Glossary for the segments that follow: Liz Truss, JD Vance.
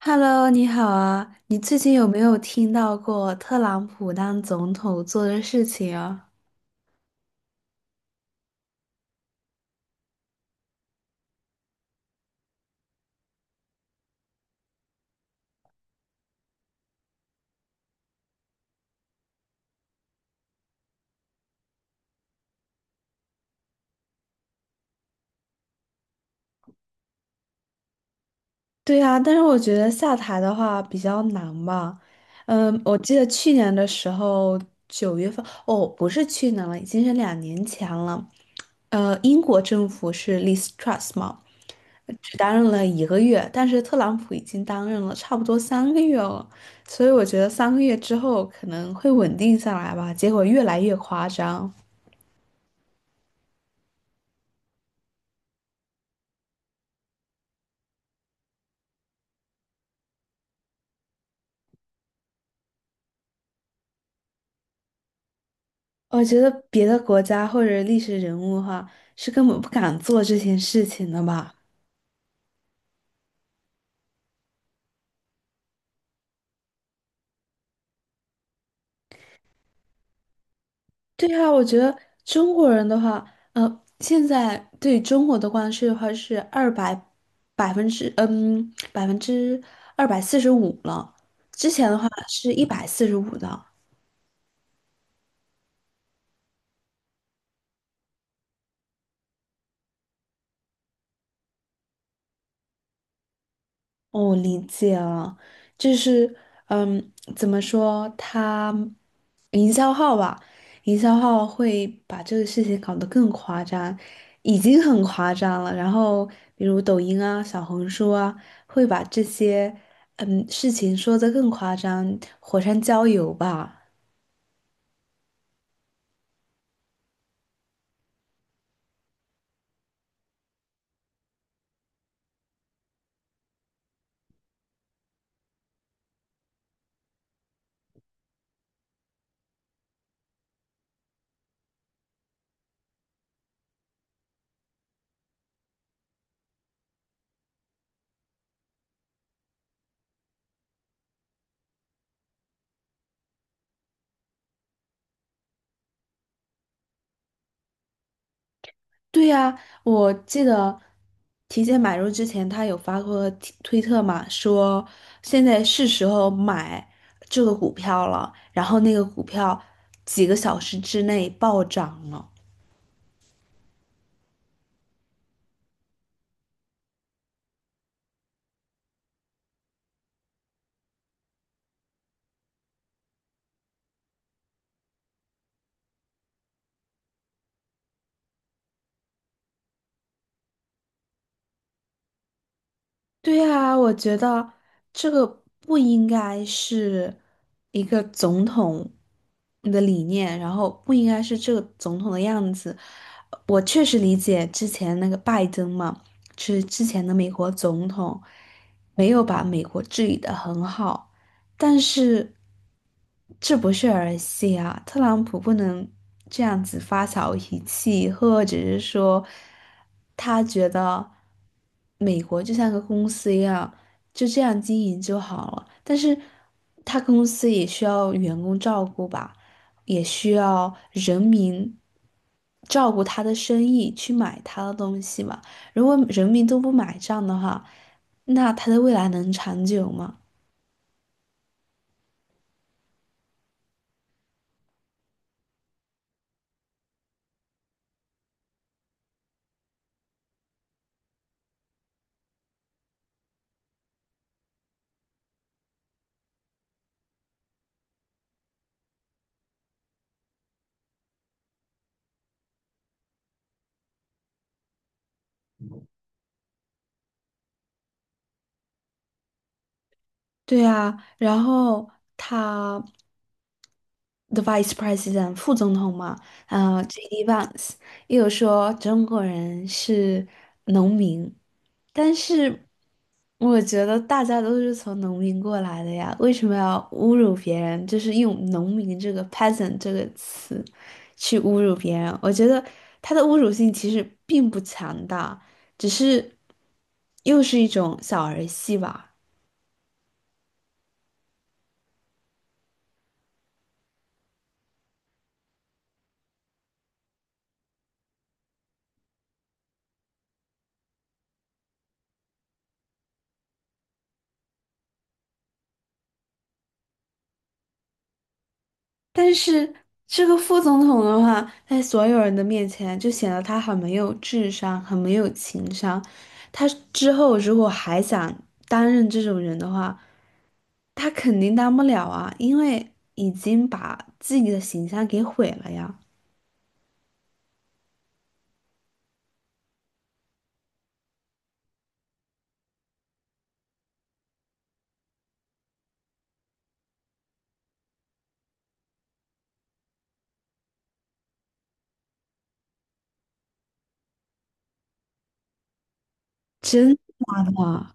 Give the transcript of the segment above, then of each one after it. Hello，你好啊！你最近有没有听到过特朗普当总统做的事情啊？对啊，但是我觉得下台的话比较难吧。嗯，我记得去年的时候，九月份，哦，不是去年了，已经是2年前了。英国政府是 Liz Truss 嘛，只担任了1个月，但是特朗普已经担任了差不多三个月了，所以我觉得三个月之后可能会稳定下来吧。结果越来越夸张。我觉得别的国家或者历史人物的话，是根本不敢做这件事情的吧？对啊，我觉得中国人的话，现在对中国的关税的话是二百百分之嗯百分之245了，之前的话是145的。哦，理解了，就是，怎么说，营销号吧，营销号会把这个事情搞得更夸张，已经很夸张了。然后，比如抖音啊、小红书啊，会把这些事情说得更夸张，火上浇油吧。对呀，我记得提前买入之前，他有发过推特嘛，说现在是时候买这个股票了，然后那个股票几个小时之内暴涨了。对啊，我觉得这个不应该是一个总统的理念，然后不应该是这个总统的样子。我确实理解之前那个拜登嘛，是之前的美国总统，没有把美国治理的很好。但是这不是儿戏啊，特朗普不能这样子发小脾气，或者是说他觉得美国就像个公司一样，就这样经营就好了。但是他公司也需要员工照顾吧，也需要人民。照顾他的生意，去买他的东西嘛。如果人民都不买账的话，那他的未来能长久吗？对啊，然后他的 Vice President 副总统嘛，JD Vance 也有说中国人是农民，但是我觉得大家都是从农民过来的呀，为什么要侮辱别人？就是用农民这个 peasant 这个词去侮辱别人，我觉得他的侮辱性其实并不强大，只是又是一种小儿戏吧。但是这个副总统的话，在所有人的面前就显得他很没有智商，很没有情商。他之后如果还想担任这种人的话，他肯定当不了啊，因为已经把自己的形象给毁了呀。真的假的？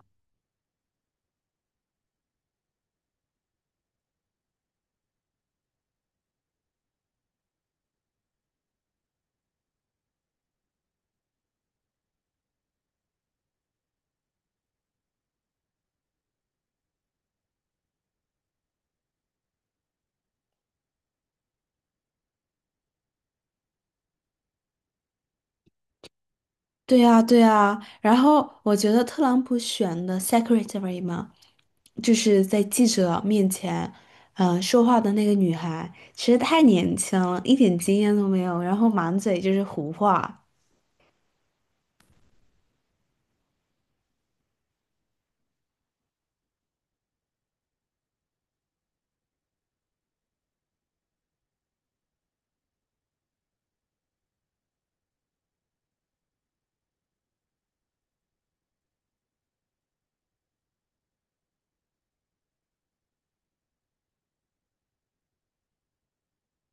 对呀，对呀。然后我觉得特朗普选的 secretary 嘛。就是在记者面前，说话的那个女孩，其实太年轻了，一点经验都没有，然后满嘴就是胡话，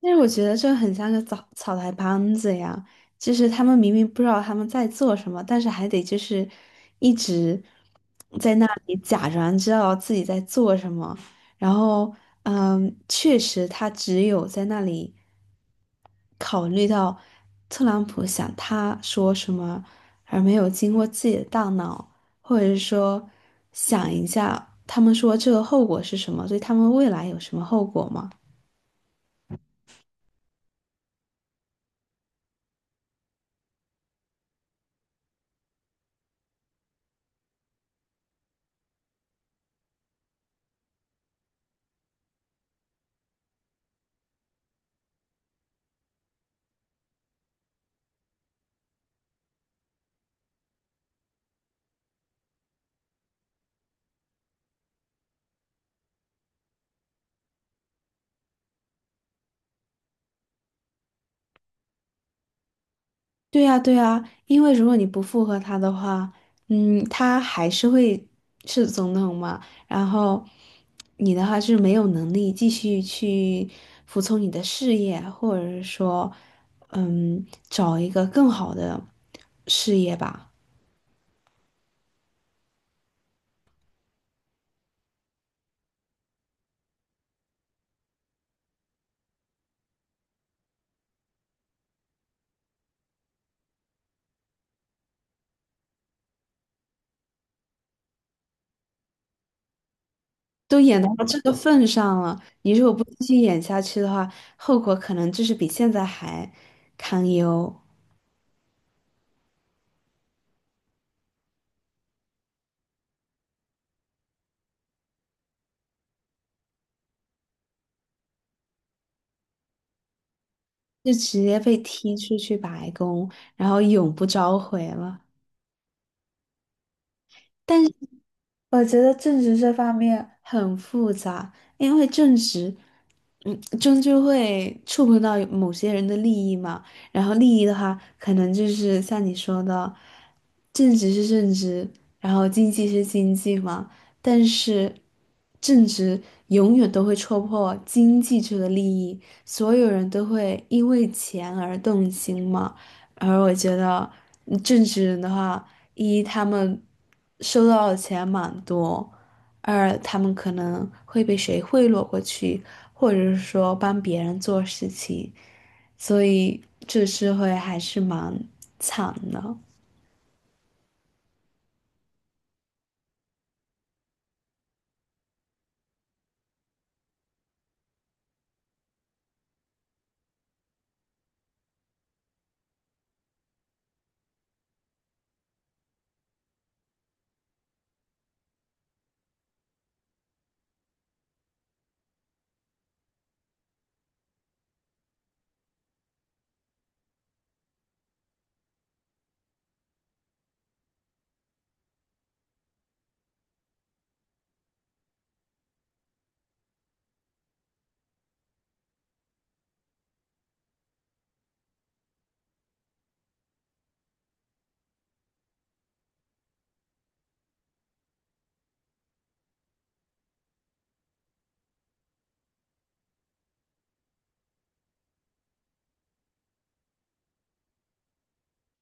但是我觉得这很像个草草台班子呀，就是他们明明不知道他们在做什么，但是还得就是一直在那里假装知道自己在做什么，然后确实他只有在那里考虑到特朗普想他说什么，而没有经过自己的大脑，或者是说想一下他们说这个后果是什么，对他们未来有什么后果吗？对呀，对呀，因为如果你不附和他的话，他还是会是总统嘛，然后你的话是没有能力继续去服从你的事业，或者是说，嗯，找一个更好的事业吧。都演到这个份上了，你如果不继续演下去的话，后果可能就是比现在还堪忧，就直接被踢出去白宫，然后永不召回了。但我觉得政治这方面很复杂，因为政治，终究会触碰到某些人的利益嘛。然后利益的话，可能就是像你说的，政治是政治，然后经济是经济嘛。但是，政治永远都会戳破经济这个利益，所有人都会因为钱而动心嘛。而我觉得正职人的话，一他们收到的钱蛮多，二他们可能会被谁贿赂过去，或者是说帮别人做事情，所以这社会还是蛮惨的。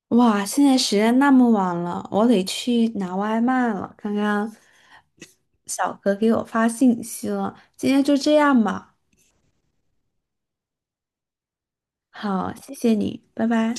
哇，现在时间那么晚了，我得去拿外卖了。刚刚小哥给我发信息了，今天就这样吧。好，谢谢你，拜拜。